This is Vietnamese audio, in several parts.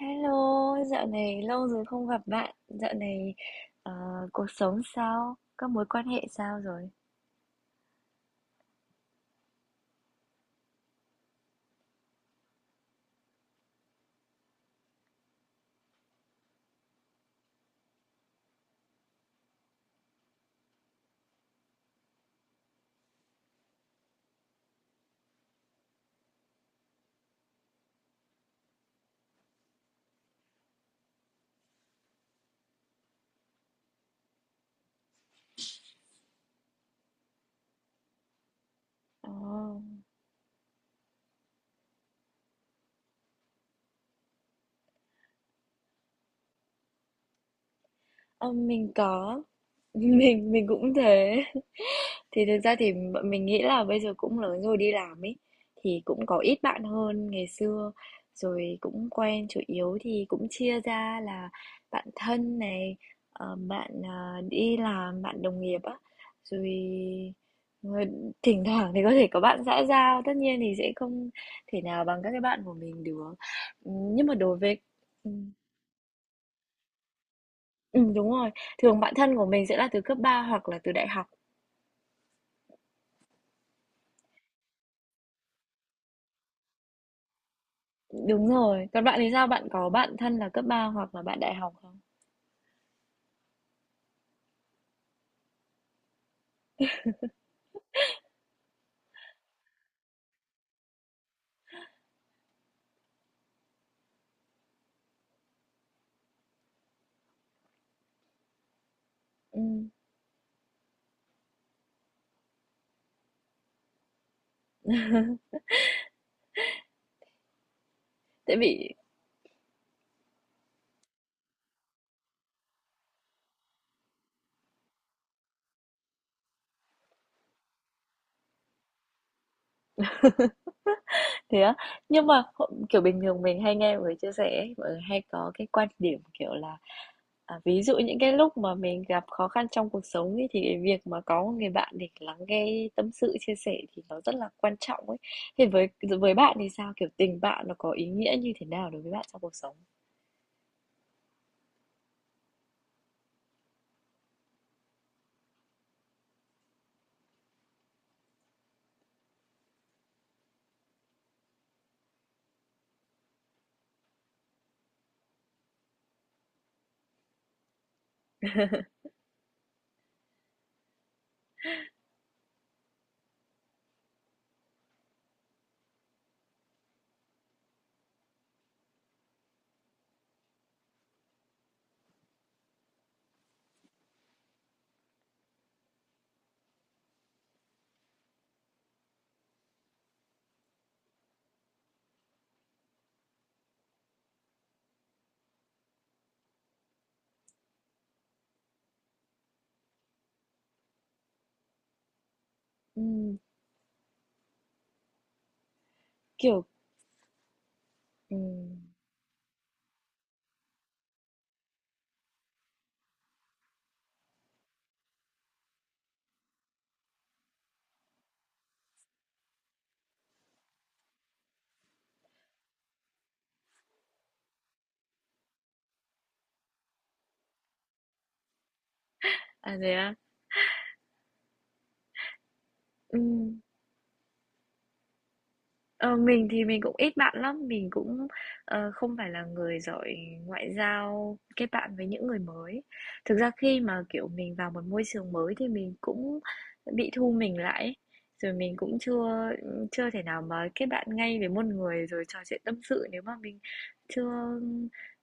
Hello, dạo này lâu rồi không gặp bạn. Dạo này ờ, cuộc sống sao? Các mối quan hệ sao rồi? Ồ, ờ, mình có, mình cũng thế. Thì thực ra thì bọn mình nghĩ là bây giờ cũng lớn rồi đi làm ấy, thì cũng có ít bạn hơn ngày xưa, rồi cũng quen chủ yếu thì cũng chia ra là bạn thân này, bạn, đi làm, bạn đồng nghiệp á, rồi, ờ, thỉnh thoảng thì có thể có bạn xã giao, tất nhiên thì sẽ không thể nào bằng các cái bạn của mình được. Nhưng mà đối với ừm, đúng rồi, thường bạn thân của mình sẽ là từ cấp 3 hoặc là từ đại học. Đúng rồi. Còn bạn thì sao? Bạn có bạn thân là cấp 3 hoặc là bạn đại học không? Ừm, tại vì thế á, nhưng mà h kiểu, bình thường mình hay nghe mọi người chia sẻ ấy, mọi người hay có cái quan điểm, kiểu là, ví dụ những cái lúc mà mình gặp khó khăn trong cuộc sống ấy, thì cái việc mà có một người bạn để lắng nghe tâm sự, chia sẻ thì nó rất là quan trọng ấy. Thì với bạn thì sao? Kiểu, tình bạn nó có ý nghĩa như thế nào đối với bạn trong cuộc sống? Ừm, kiểu ừm, à, thế á? Ờ, mình thì mình cũng ít bạn lắm, mình cũng, không phải là người giỏi ngoại giao, kết bạn với những người mới. Thực ra khi mà, kiểu, mình vào một môi trường mới thì mình cũng bị thu mình lại ấy, rồi mình cũng chưa thể nào mà kết bạn ngay với một người rồi trò chuyện tâm sự nếu mà mình chưa,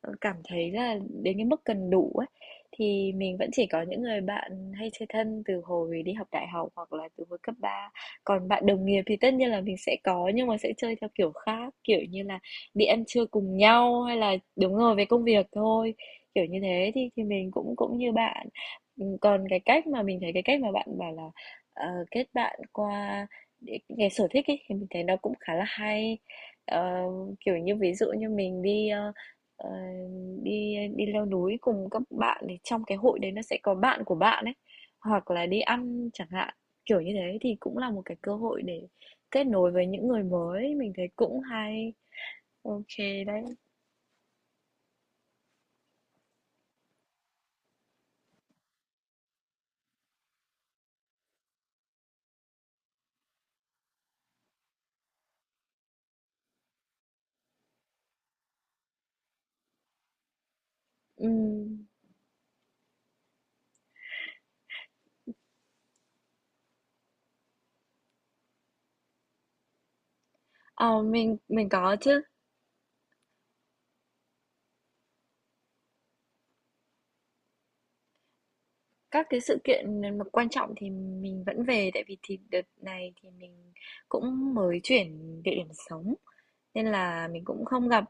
cảm thấy là đến cái mức cần đủ ấy. Thì mình vẫn chỉ có những người bạn hay chơi thân từ hồi đi học đại học hoặc là từ hồi cấp ba, còn bạn đồng nghiệp thì tất nhiên là mình sẽ có, nhưng mà sẽ chơi theo kiểu khác, kiểu như là đi ăn trưa cùng nhau hay là đúng rồi, về công việc thôi, kiểu như thế. Thì mình cũng cũng như bạn. Còn cái cách mà mình thấy cái cách mà bạn bảo là, kết bạn qua để cái sở thích ấy, thì mình thấy nó cũng khá là hay. Ờ, kiểu như, ví dụ như mình đi, ờ, đi đi leo núi cùng các bạn thì trong cái hội đấy nó sẽ có bạn của bạn ấy, hoặc là đi ăn chẳng hạn. Kiểu như thế thì cũng là một cái cơ hội để kết nối với những người mới, mình thấy cũng hay. OK đấy. Ừm, ờ, mình có chứ. Các cái sự kiện mà quan trọng thì mình vẫn về tại vì thì đợt này thì mình cũng mới chuyển địa điểm sống. Nên là mình cũng không gặp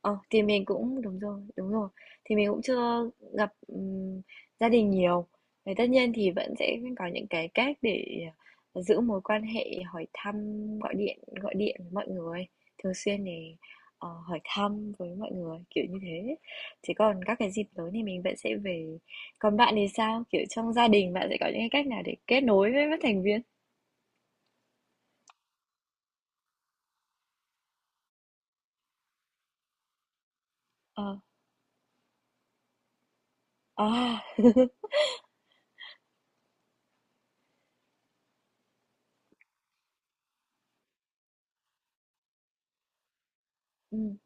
thì mình cũng đúng rồi, đúng rồi. Thì mình cũng chưa gặp, gia đình nhiều. Thì tất nhiên thì vẫn sẽ có những cái cách để giữ mối quan hệ, hỏi thăm, gọi điện với mọi người, thường xuyên để, hỏi thăm với mọi người, kiểu như thế. Chứ còn các cái dịp lớn thì mình vẫn sẽ về. Còn bạn thì sao? Kiểu, trong gia đình bạn sẽ có những cái cách nào để kết nối với các thành viên? Ờ, à, ừm,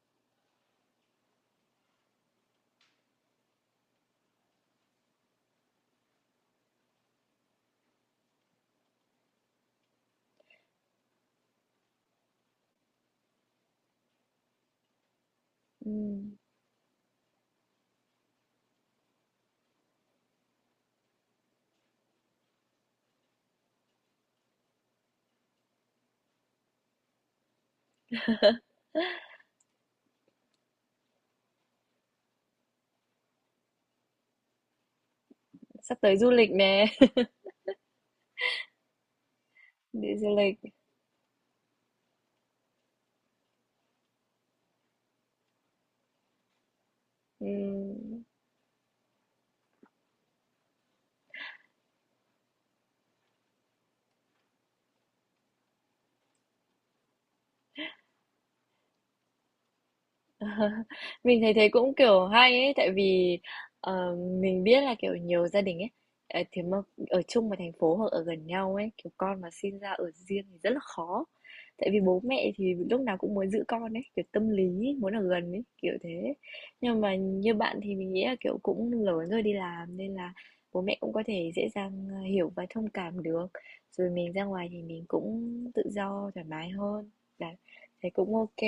ừm, sắp tới du lịch nè. Đi du lịch, ừm, mình thấy thế cũng, kiểu, hay ấy, tại vì, ờ, mình biết là, kiểu, nhiều gia đình ấy, thì mà ở chung một thành phố hoặc ở gần nhau ấy, kiểu, con mà sinh ra ở riêng thì rất là khó. Tại vì bố mẹ thì lúc nào cũng muốn giữ con ấy, kiểu, tâm lý ấy, muốn ở gần ấy, kiểu thế. Nhưng mà như bạn thì mình nghĩ là, kiểu, cũng lớn rồi đi làm nên là bố mẹ cũng có thể dễ dàng, hiểu và thông cảm được. Rồi mình ra ngoài thì mình cũng tự do thoải mái hơn, đấy, thấy cũng ok.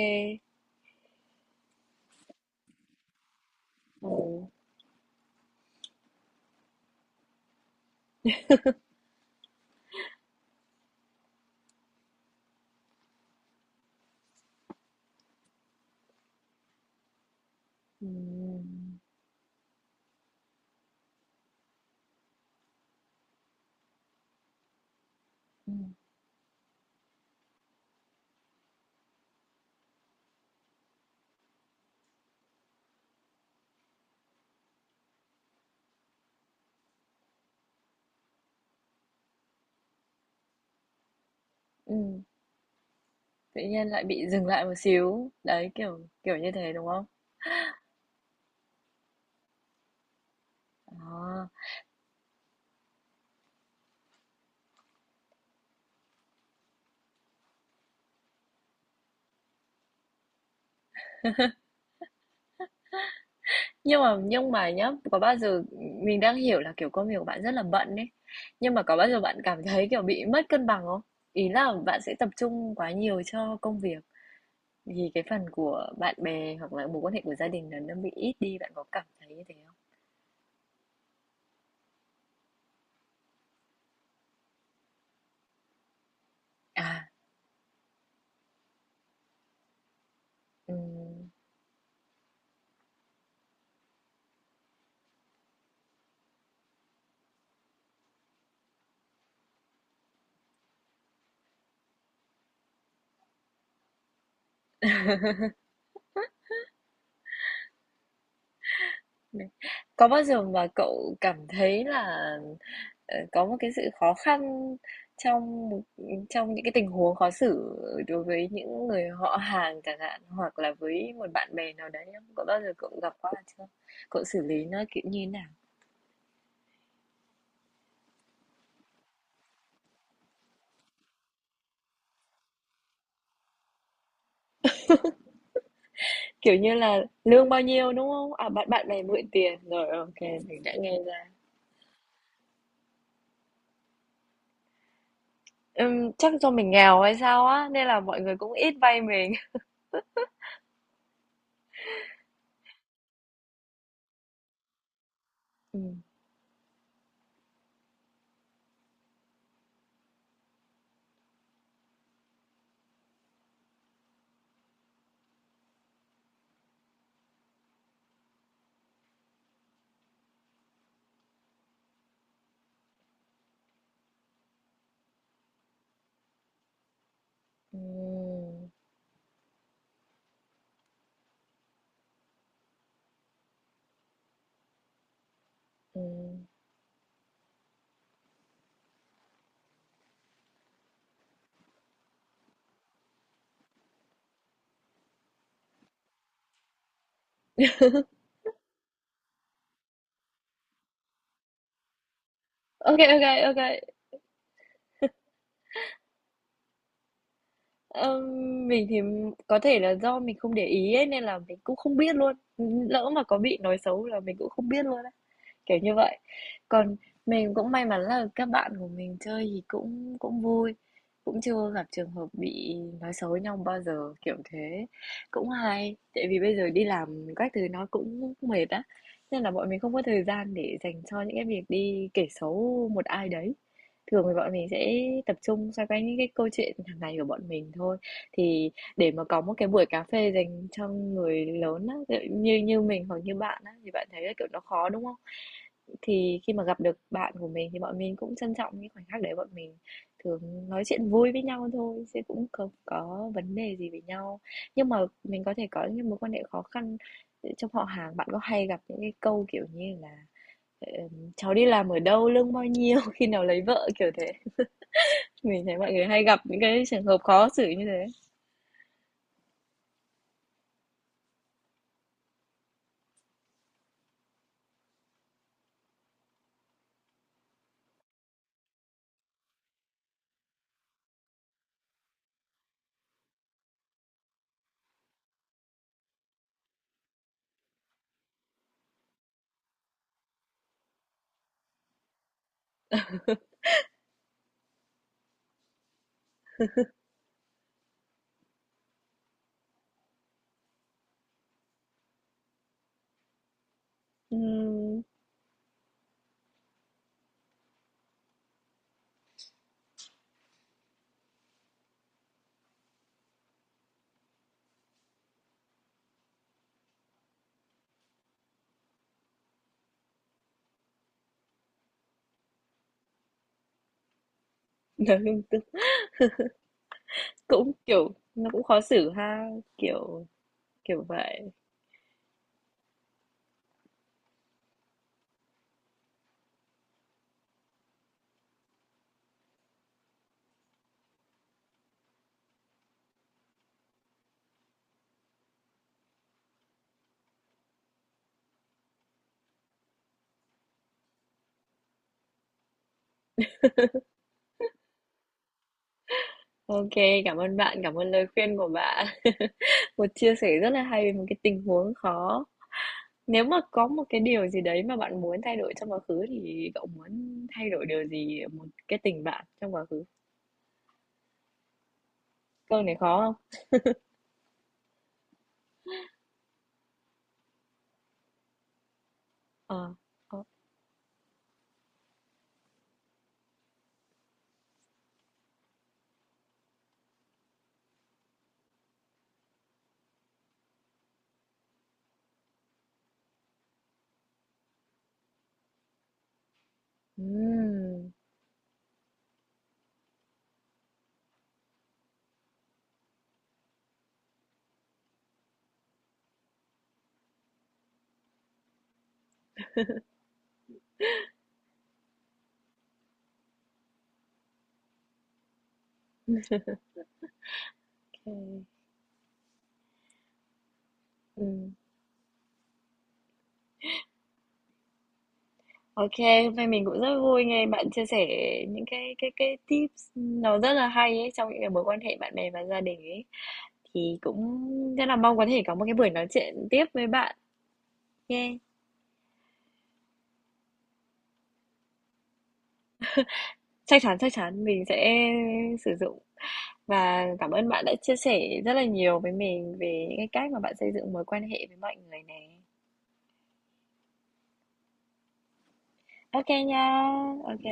Ồ, ừm, ừm, ừm, tự nhiên lại bị dừng lại một xíu. Đấy, kiểu kiểu như thế đúng không? À. Nhưng mà nhá, có bao giờ mình đang hiểu là kiểu công việc của bạn rất là bận đấy. Nhưng mà có bao giờ bạn cảm thấy kiểu bị mất cân bằng không? Ý là bạn sẽ tập trung quá nhiều cho công việc thì cái phần của bạn bè hoặc là mối quan hệ của gia đình là nó bị ít đi, bạn có cảm thấy như thế không? À, ừm. Ừm. Có bao giờ mà cậu cảm thấy là, có một cái sự khó khăn trong một trong những cái tình huống khó xử đối với những người họ hàng chẳng hạn, hoặc là với một bạn bè nào đấy không? Có bao giờ cậu gặp qua chưa? Cậu xử lý nó, kiểu, như thế nào? Kiểu như là lương bao nhiêu, đúng không? À, bạn bạn bè mượn tiền, rồi, ok, mình đã nghe ra. Chắc do mình nghèo hay sao á, nên là mọi người cũng ít vay mình. Ừm, ừm, ừm. Ô kê, ô, ơ, mình thì có thể là do mình không để ý ấy, nên là mình cũng không biết luôn. Lỡ mà có bị nói xấu là mình cũng không biết luôn á, kiểu như vậy. Còn mình cũng may mắn là các bạn của mình chơi thì cũng cũng vui, cũng chưa gặp trường hợp bị nói xấu với nhau bao giờ, kiểu thế. Cũng hay, tại vì bây giờ đi làm các thứ nó cũng mệt á, nên là bọn mình không có thời gian để dành cho những cái việc đi kể xấu một ai đấy. Thường thì bọn mình sẽ tập trung xoay quanh những cái câu chuyện hàng ngày của bọn mình thôi. Thì để mà có một cái buổi cà phê dành cho người lớn á, như như mình hoặc như bạn á thì bạn thấy là, kiểu, nó khó, đúng không? Thì khi mà gặp được bạn của mình thì bọn mình cũng trân trọng những khoảnh khắc đấy, bọn mình thường nói chuyện vui với nhau thôi, chứ cũng không có vấn đề gì với nhau. Nhưng mà mình có thể có những mối quan hệ khó khăn trong họ hàng, bạn có hay gặp những cái câu, kiểu như là, "Cháu đi làm ở đâu, lương bao nhiêu, khi nào lấy vợ?" kiểu thế. Mình thấy mọi người hay gặp những cái trường hợp khó xử như thế. Ừm, cũng, kiểu, nó cũng khó xử ha, kiểu kiểu vậy. Ok, cảm ơn bạn, cảm ơn lời khuyên của bạn. Một chia sẻ rất là hay về một cái tình huống khó. Nếu mà có một cái điều gì đấy mà bạn muốn thay đổi trong quá khứ thì cậu muốn thay đổi điều gì ở một cái tình bạn trong quá khứ? Câu này khó không? Ờ, khó. Ừm, ok. Ừm. Ok, hôm nay mình cũng rất vui nghe bạn chia sẻ những cái cái tips nó rất là hay ấy trong những cái mối quan hệ bạn bè và gia đình ấy. Thì cũng rất là mong có thể có một cái buổi nói chuyện tiếp với bạn nha. Chắc chắn mình sẽ sử dụng. Và cảm ơn bạn đã chia sẻ rất là nhiều với mình về những cái cách mà bạn xây dựng mối quan hệ với mọi người nè. Ok nha, ok.